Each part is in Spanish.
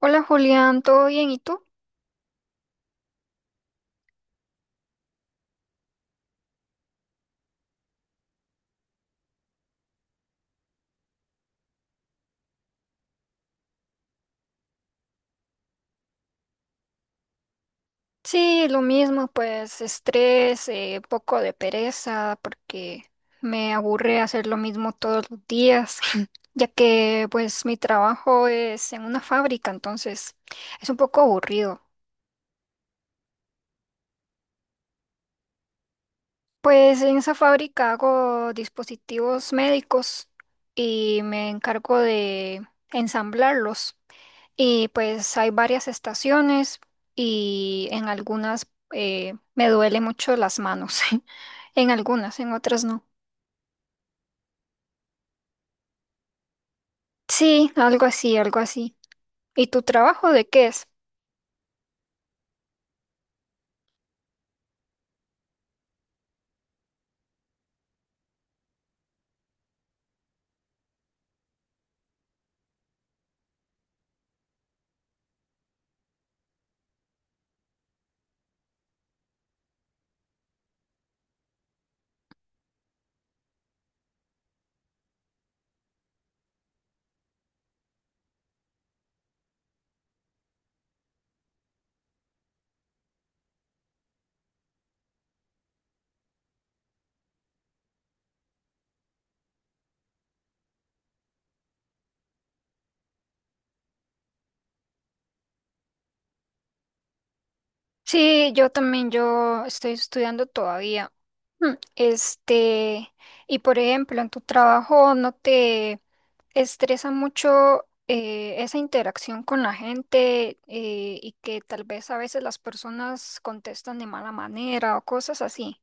Hola Julián, ¿todo bien? ¿Y tú? Sí, lo mismo, pues estrés, poco de pereza, porque me aburre hacer lo mismo todos los días, ya que pues mi trabajo es en una fábrica, entonces es un poco aburrido. Pues en esa fábrica hago dispositivos médicos y me encargo de ensamblarlos. Y pues hay varias estaciones y en algunas me duele mucho las manos. En algunas, en otras no. Sí, algo así, algo así. ¿Y tu trabajo de qué es? Sí, yo también, yo estoy estudiando todavía. Este, y por ejemplo, en tu trabajo, ¿no te estresa mucho esa interacción con la gente y que tal vez a veces las personas contestan de mala manera o cosas así?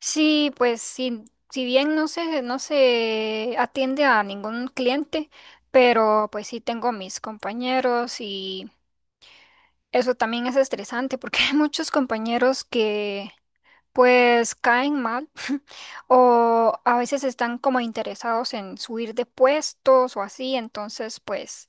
Sí, pues sí, si bien no se atiende a ningún cliente, pero pues sí tengo mis compañeros. Eso también es estresante porque hay muchos compañeros que pues caen mal o a veces están como interesados en subir de puestos o así, entonces pues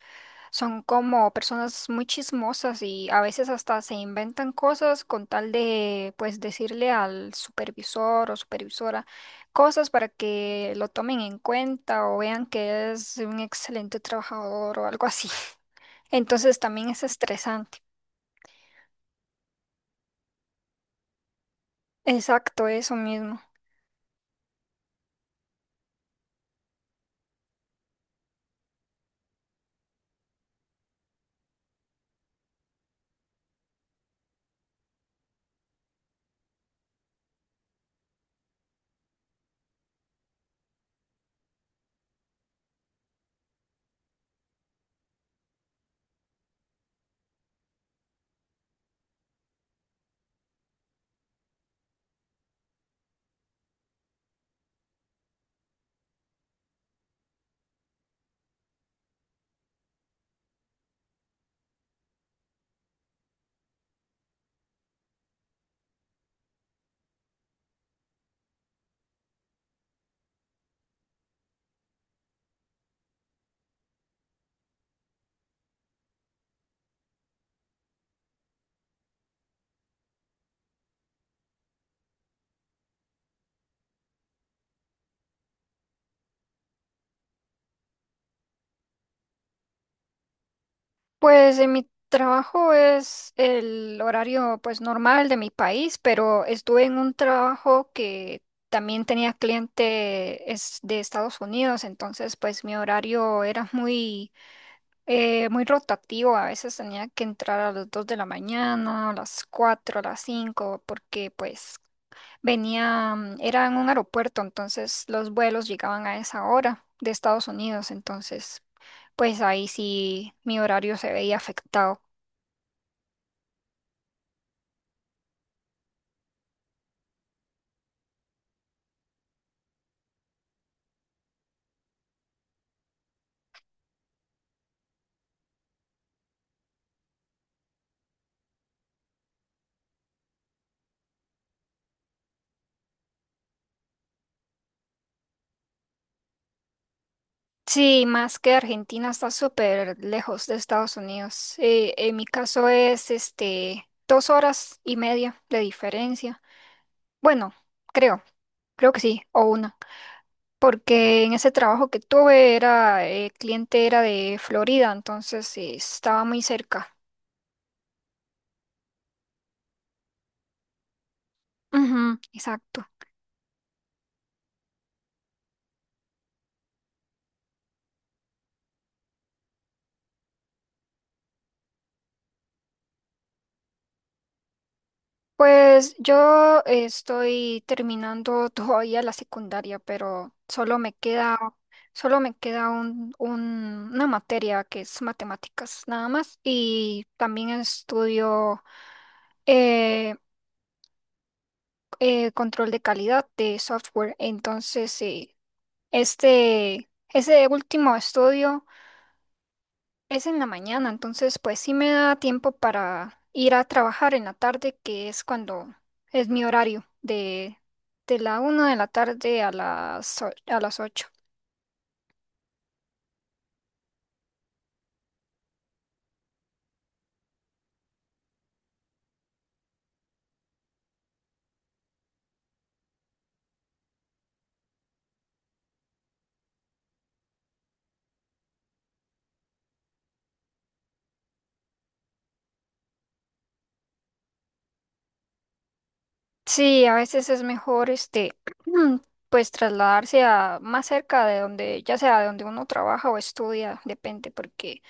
son como personas muy chismosas y a veces hasta se inventan cosas con tal de pues decirle al supervisor o supervisora cosas para que lo tomen en cuenta o vean que es un excelente trabajador o algo así. Entonces también es estresante. Exacto, eso mismo. Pues en mi trabajo es el horario pues normal de mi país, pero estuve en un trabajo que también tenía cliente es de Estados Unidos, entonces pues mi horario era muy rotativo. A veces tenía que entrar a las 2 de la mañana, a las 4 a las 5, porque pues venía, era en un aeropuerto, entonces los vuelos llegaban a esa hora de Estados Unidos, entonces pues ahí sí mi horario se veía afectado. Sí, más que Argentina está súper lejos de Estados Unidos. En mi caso es este 2 horas y media de diferencia. Bueno, creo, creo que sí, o una. Porque en ese trabajo que tuve era, cliente era de Florida, entonces estaba muy cerca. Ujú, exacto. Pues yo estoy terminando todavía la secundaria, pero solo me queda una materia que es matemáticas nada más y también estudio eh, control de calidad de software. Entonces, sí, este, ese último estudio es en la mañana, entonces pues sí me da tiempo para ir a trabajar en la tarde, que es cuando es mi horario, de la 1 de la tarde a las 8. Sí, a veces es mejor este pues trasladarse a más cerca de donde, ya sea de donde uno trabaja o estudia, depende, porque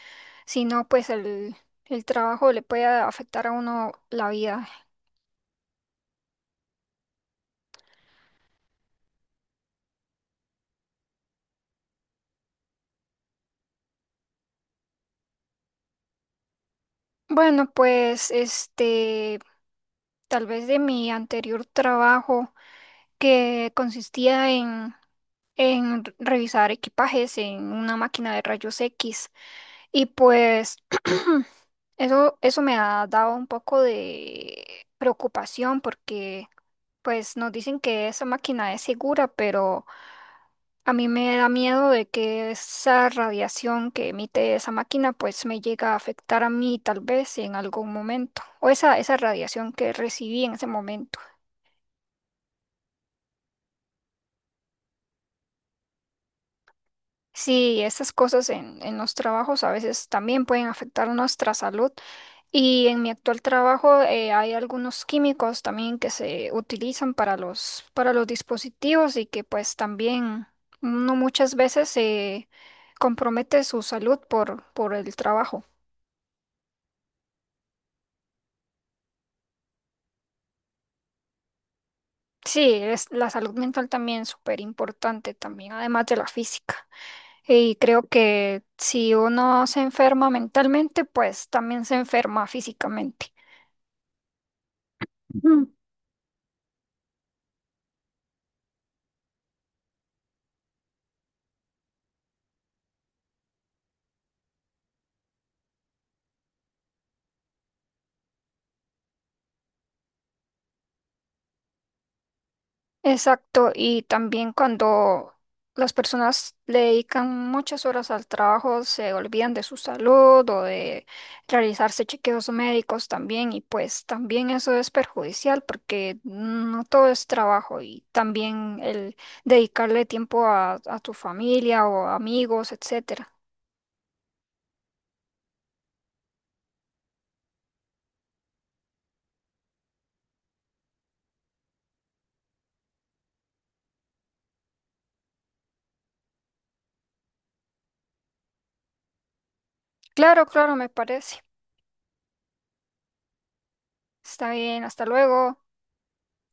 si no, pues el trabajo le puede afectar a uno la vida. Bueno, pues este, tal vez de mi anterior trabajo, que consistía en revisar equipajes en una máquina de rayos X. Y pues eso me ha dado un poco de preocupación porque pues nos dicen que esa máquina es segura, pero a mí me da miedo de que esa radiación que emite esa máquina pues me llega a afectar a mí tal vez en algún momento, o esa radiación que recibí en ese momento. Sí, esas cosas en los trabajos a veces también pueden afectar nuestra salud. Y en mi actual trabajo hay algunos químicos también que se utilizan para los dispositivos y que pues también uno muchas veces se compromete su salud por el trabajo. Sí, es la salud mental también súper importante también, además de la física. Y creo que si uno se enferma mentalmente, pues también se enferma físicamente. Exacto, y también cuando las personas le dedican muchas horas al trabajo, se olvidan de su salud o de realizarse chequeos médicos también, y pues también eso es perjudicial porque no todo es trabajo y también el dedicarle tiempo a tu familia o amigos, etcétera. Claro, claro, me parece. Está bien, hasta luego.